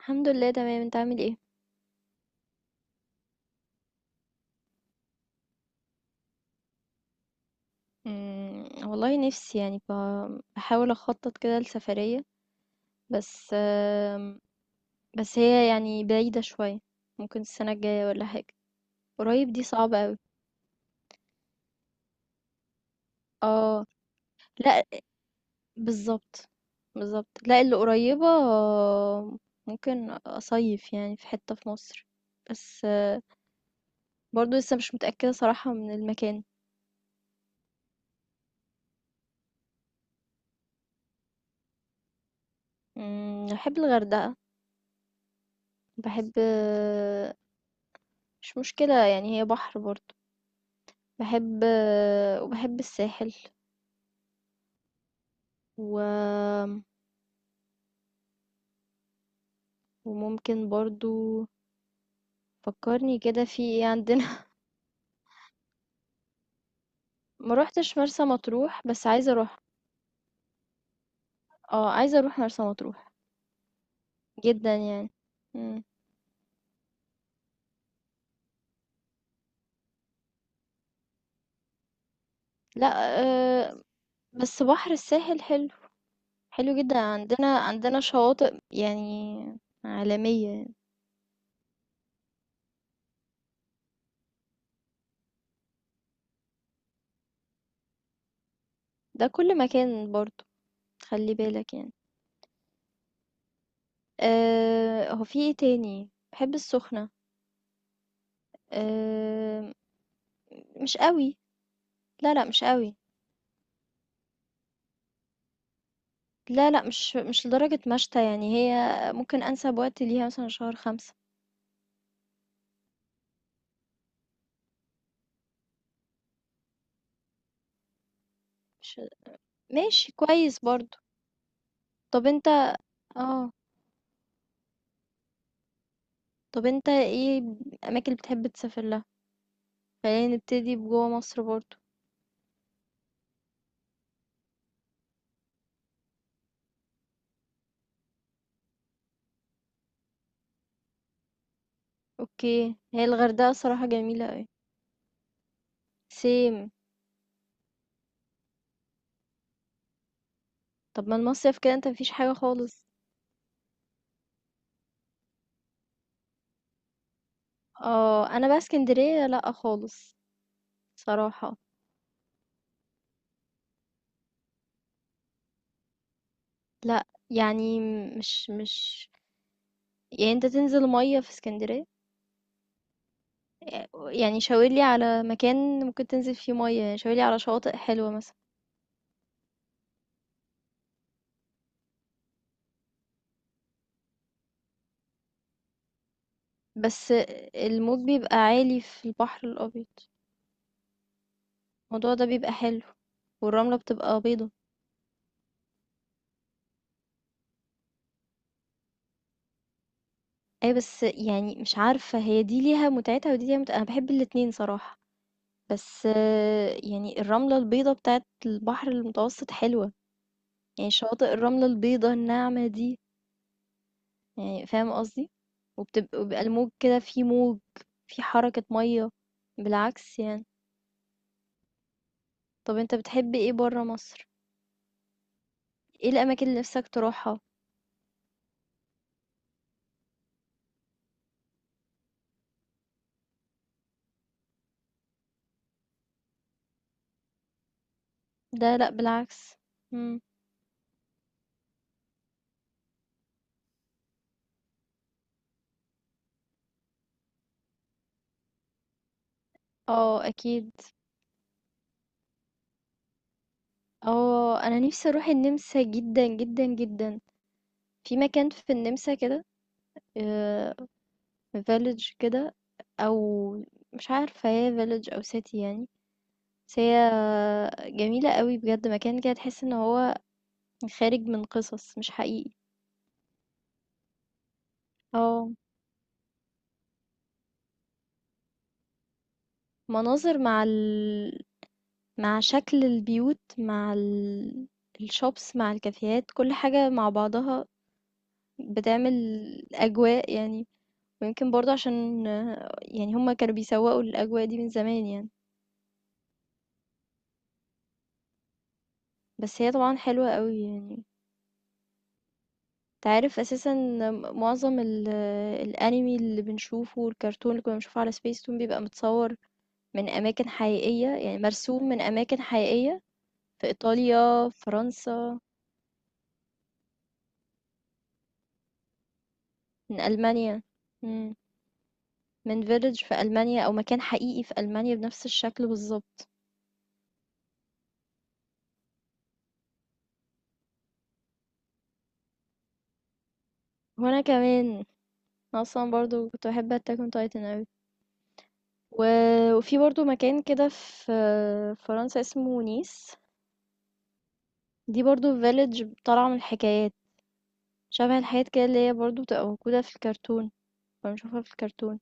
الحمد لله تمام، انت عامل ايه؟ والله نفسي يعني بحاول اخطط كده لسفرية. بس بس هي يعني بعيدة شوية. ممكن السنة الجاية ولا حاجة. قريب دي صعبة اوي. اه. لا. بالظبط. بالظبط، لا اللي قريبة ممكن اصيف يعني في حتة في مصر. بس برضو لسه مش متأكدة صراحة من المكان. بحب الغردقة. بحب. مش مشكلة، يعني هي بحر برضو. باحب، وباحب الساحل. و... وممكن برضو فكرني كده في ايه عندنا ما روحتش مرسى مطروح بس عايزه اروح. اه، عايزه اروح مرسى مطروح. جدا يعني. مم. لا. آه. بس بحر الساحل حلو. حلو جدا، عندنا شواطئ يعني عالمية. ده كل مكان برضو. خلي بالك يعني. آه، هو في ايه تاني. بحب السخنة. آه. مش قوي. لا مش قوي. لا، مش لدرجة مَشْتَى، يعني هي ممكن أنسب وقت ليها مثلًا شهر 5. مش. ماشي كويس برضه. طَب أنت آه، طَب أنت إيه الأماكن اللي بتحب تسافر لها؟ خلّينا نبتدي بجوّه مصر برضه. أوكي، هي الغردقة الصراحة جميلة أوي. same. طَب ما المصيف كده أنت ما فيش حاجة خالص. آه، أنا بقى إسكندرية لأ خالص صراحة. لأ، يعني مش يعني أنت تنزل مَيّة في إسكندرية؟ يعني شاورلي على مكان ممكن تنزل فيه مية، يعني شاورلي على شواطئ حلوة مثلا. بس الموج بيبقى عالي في البحر الأبيض، الموضوع ده بيبقى حلو، والرملة بتبقى بيضة. أي بس يعني مش عارفة، هي دي ليها متعتها ودي ليها متعتها، أنا بحب الاتنين صراحة. بس يعني الرملة البيضة بتاعت البحر المتوسط حلوة، يعني شواطئ الرملة البيضة الناعمة دي، يعني فاهم قصدي. وبيبقى الموج كده، فيه موج، فيه حركة مية، بالعكس يعني. طب أنت بتحب إيه برا مصر؟ إيه الأماكن اللي نفسك تروحها؟ ده لأ بالعكس. مم. اه أكيد. اه، أنا نفسي أروح النمسا جدا جدا جدا. في مكان في النمسا كده، فيلج كده، أو مش عارفة هي فيلج أو سيتي يعني. بس هي جميلة قوي بجد، مكان كده تحس ان هو خارج من قصص، مش حقيقي. اه، مناظر مع مع شكل البيوت، مع الشوبس مع الكافيهات، كل حاجة مع بعضها بتعمل أجواء يعني. ويمكن برضه عشان يعني هما كانوا بيسوقوا الأجواء دي من زمان يعني. بس هي طبعا حلوة قوي يعني. تعرف أساسا معظم الأنمي اللي بنشوفه، والكرتون اللي كنا بنشوفه على سبيس تون، بيبقى متصور من أماكن حقيقية، يعني مرسوم من أماكن حقيقية. في إيطاليا، فرنسا، من ألمانيا. مم. من village في ألمانيا، أو مكان حقيقي في ألمانيا بنفس الشكل بالضبط. وأنا كمان. أنا أصلا برضو كنت بحب Attack on Titan أوي. و... وفي برضو مكان كده في فرنسا اسمه نيس. دي برضو فيلج طالعة من الحكايات، شبه الحاجات كده اللي هي برضو بتبقى موجودة في الكرتون، بنشوفها في الكرتون.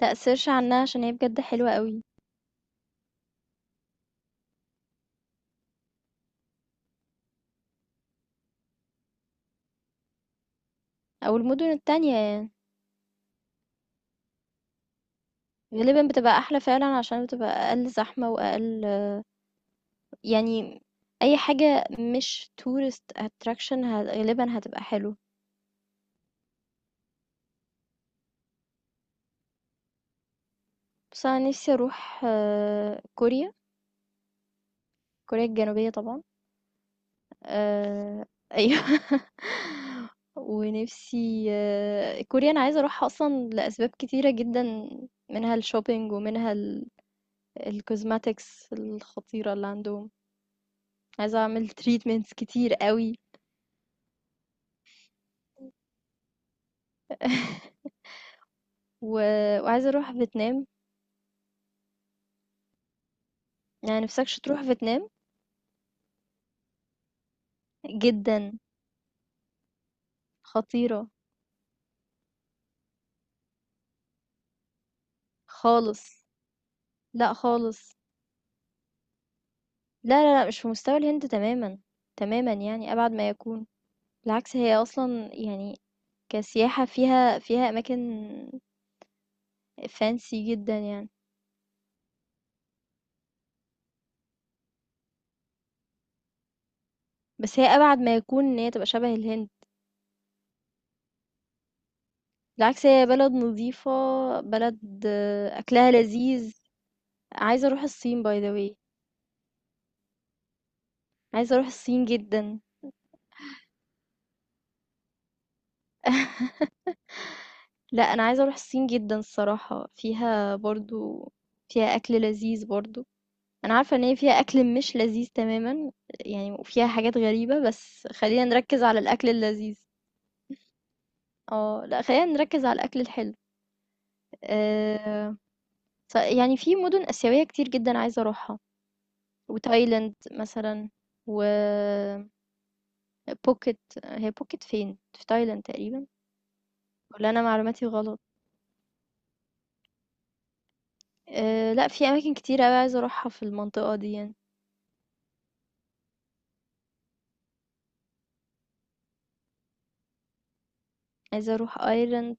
تأثيرش عنها عشان هي بجد حلوة قوي. أو المدن التانية يعني غالبا بتبقى أحلى فعلا، عشان بتبقى أقل زحمة وأقل، يعني، أي حاجة مش tourist attraction ه غالبًا هتبقى حلوة. بس أنا نفسي أروح كوريا، كوريا الجنوبية طبعًا. آآ أيوه ونفسي كوريا أنا عايزة أروحها أصلًا لأسباب كتيرة جدًا، منها الshopping، ومنها ال الcosmetics الخطيرة اللي عندهم. عايزة أعمل treatments كتير أوي. و وعايزة أروح فيتنام. يعني نفسكش تروح فيتنام؟ جدًا. خطيرة. خالص. لأ خالص. لا، مش في مستوى الهند تمامًا، تمامًا يعني أبعد ما يكون. بالعكس هي أصلًا يعني كسياحة فيها، فيها أماكن fancy جدًا يعني. بس هي أبعد ما يكون إن هي تبقى شبه الهند. بالعكس هي بلد نضيفة، بلد أكلها لذيذ. عايزة أروح الصين by the way. عايزة أروح الصين جدًا. لأ أنا عايزة أروح الصين جدًا الصراحة، فيها برضه، فيها أكل لذيذ برضه. أنا عارفة إن هي فيها أكل مش لذيذ تمامًا يعني، وفيها حاجات غريبة، بس خلّينا نركّز على الأكل اللذيذ. آه، لأ خلّينا نركّز على الأكل الحلو. آآ، ف يعني في مُدن آسيوية كتير جدًا عايزة أروحها، وتايلاند مثلًا، و phuket. هي phuket فين؟ في تايلاند تقريبًا، والّا أنا معلوماتي غلط؟ لأ في أماكن كتير أوي عايزة أروحها في المنطقة دي يعني. عايزة أروح أيرلند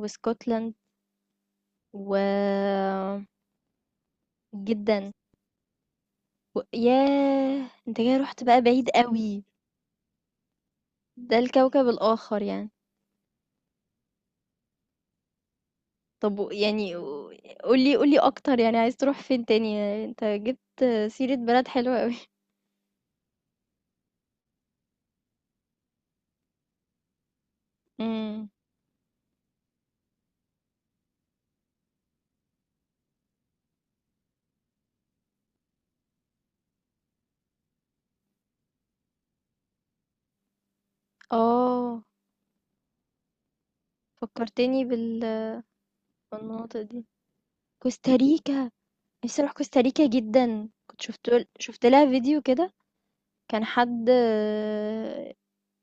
واسكتلند. و جدًا. و ياه! أنت كده رُحت بقى بعيد أوي. ده الكوكب الآخر يعني. طب و قُل لي أكتر، يعني عايز تروح فين تاني؟ أنت جِبت سيرة بلد حلوة أوي. إمم. آه، فكّرتني بالمناطق دي. كوستاريكا، نِفْسي أروح كوستاريكا جدًا. كنت شُفت لها فيديو كده. كان حد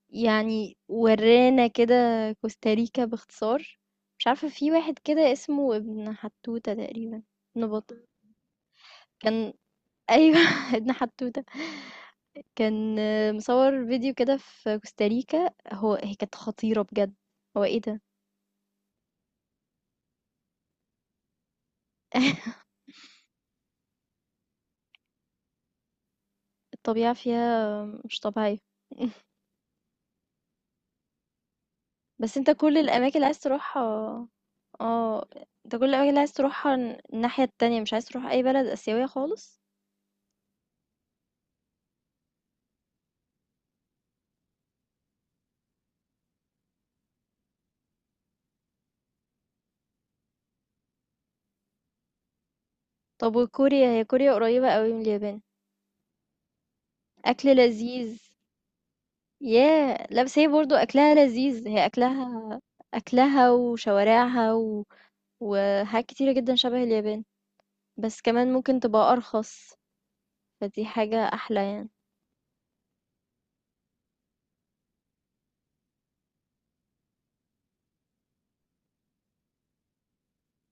يعني ورانا كده كوستاريكا باختصار. مش عارفة، في واحد كده اسمه ابن حتوتة تقريبا، ابن بطة. كان. ايوه ابن حتوتة. كان مصور فيديو كده في كوستاريكا، هو هي كانت خطيرة بجد. هو ايه ده. الطبيعة فيها مش طبيعية. بس انت كل الأماكن اللي عايز تروحها. اه، انت كل الأماكن اللي عايز تروحها الناحية التانية، مش عايز تروح أي بلد آسيوية خالص. طب وكوريا، هي كوريا قريبة قوي من اليابان. أكل لذيذ. ياه لا، بس هي برضو أكلها لذيذ. هي أكلها، أكلها وشوارعها وحاجات كتيرة جدا شبه اليابان. بس كمان ممكن تبقى أرخص، فدي حاجة أحلى يعني.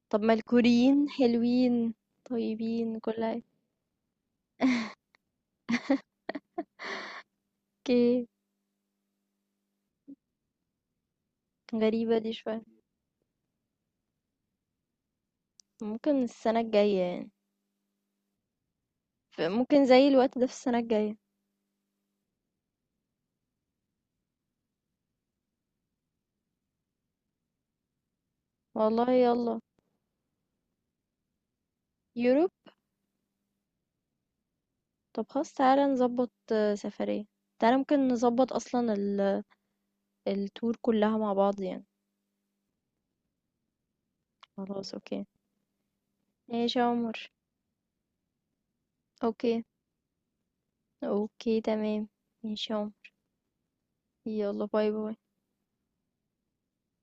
طب ما الكوريين حلوين طيبين كل حاجة. اوكي. غريبة دي شوية. ممكن السنة الجاية يعني. ممكن زي الوقت ده في السنة الجاية. والله يلا. يوروب. طب خلاص تعالى نظبط سفرية. تعالى ممكن نظبط أصلا التور كلها مع بعض يعني. خلاص. أوكي ماشي يا عمر. أوكي. أوكي تمام. ماشي يا عمر. يلا باي باي.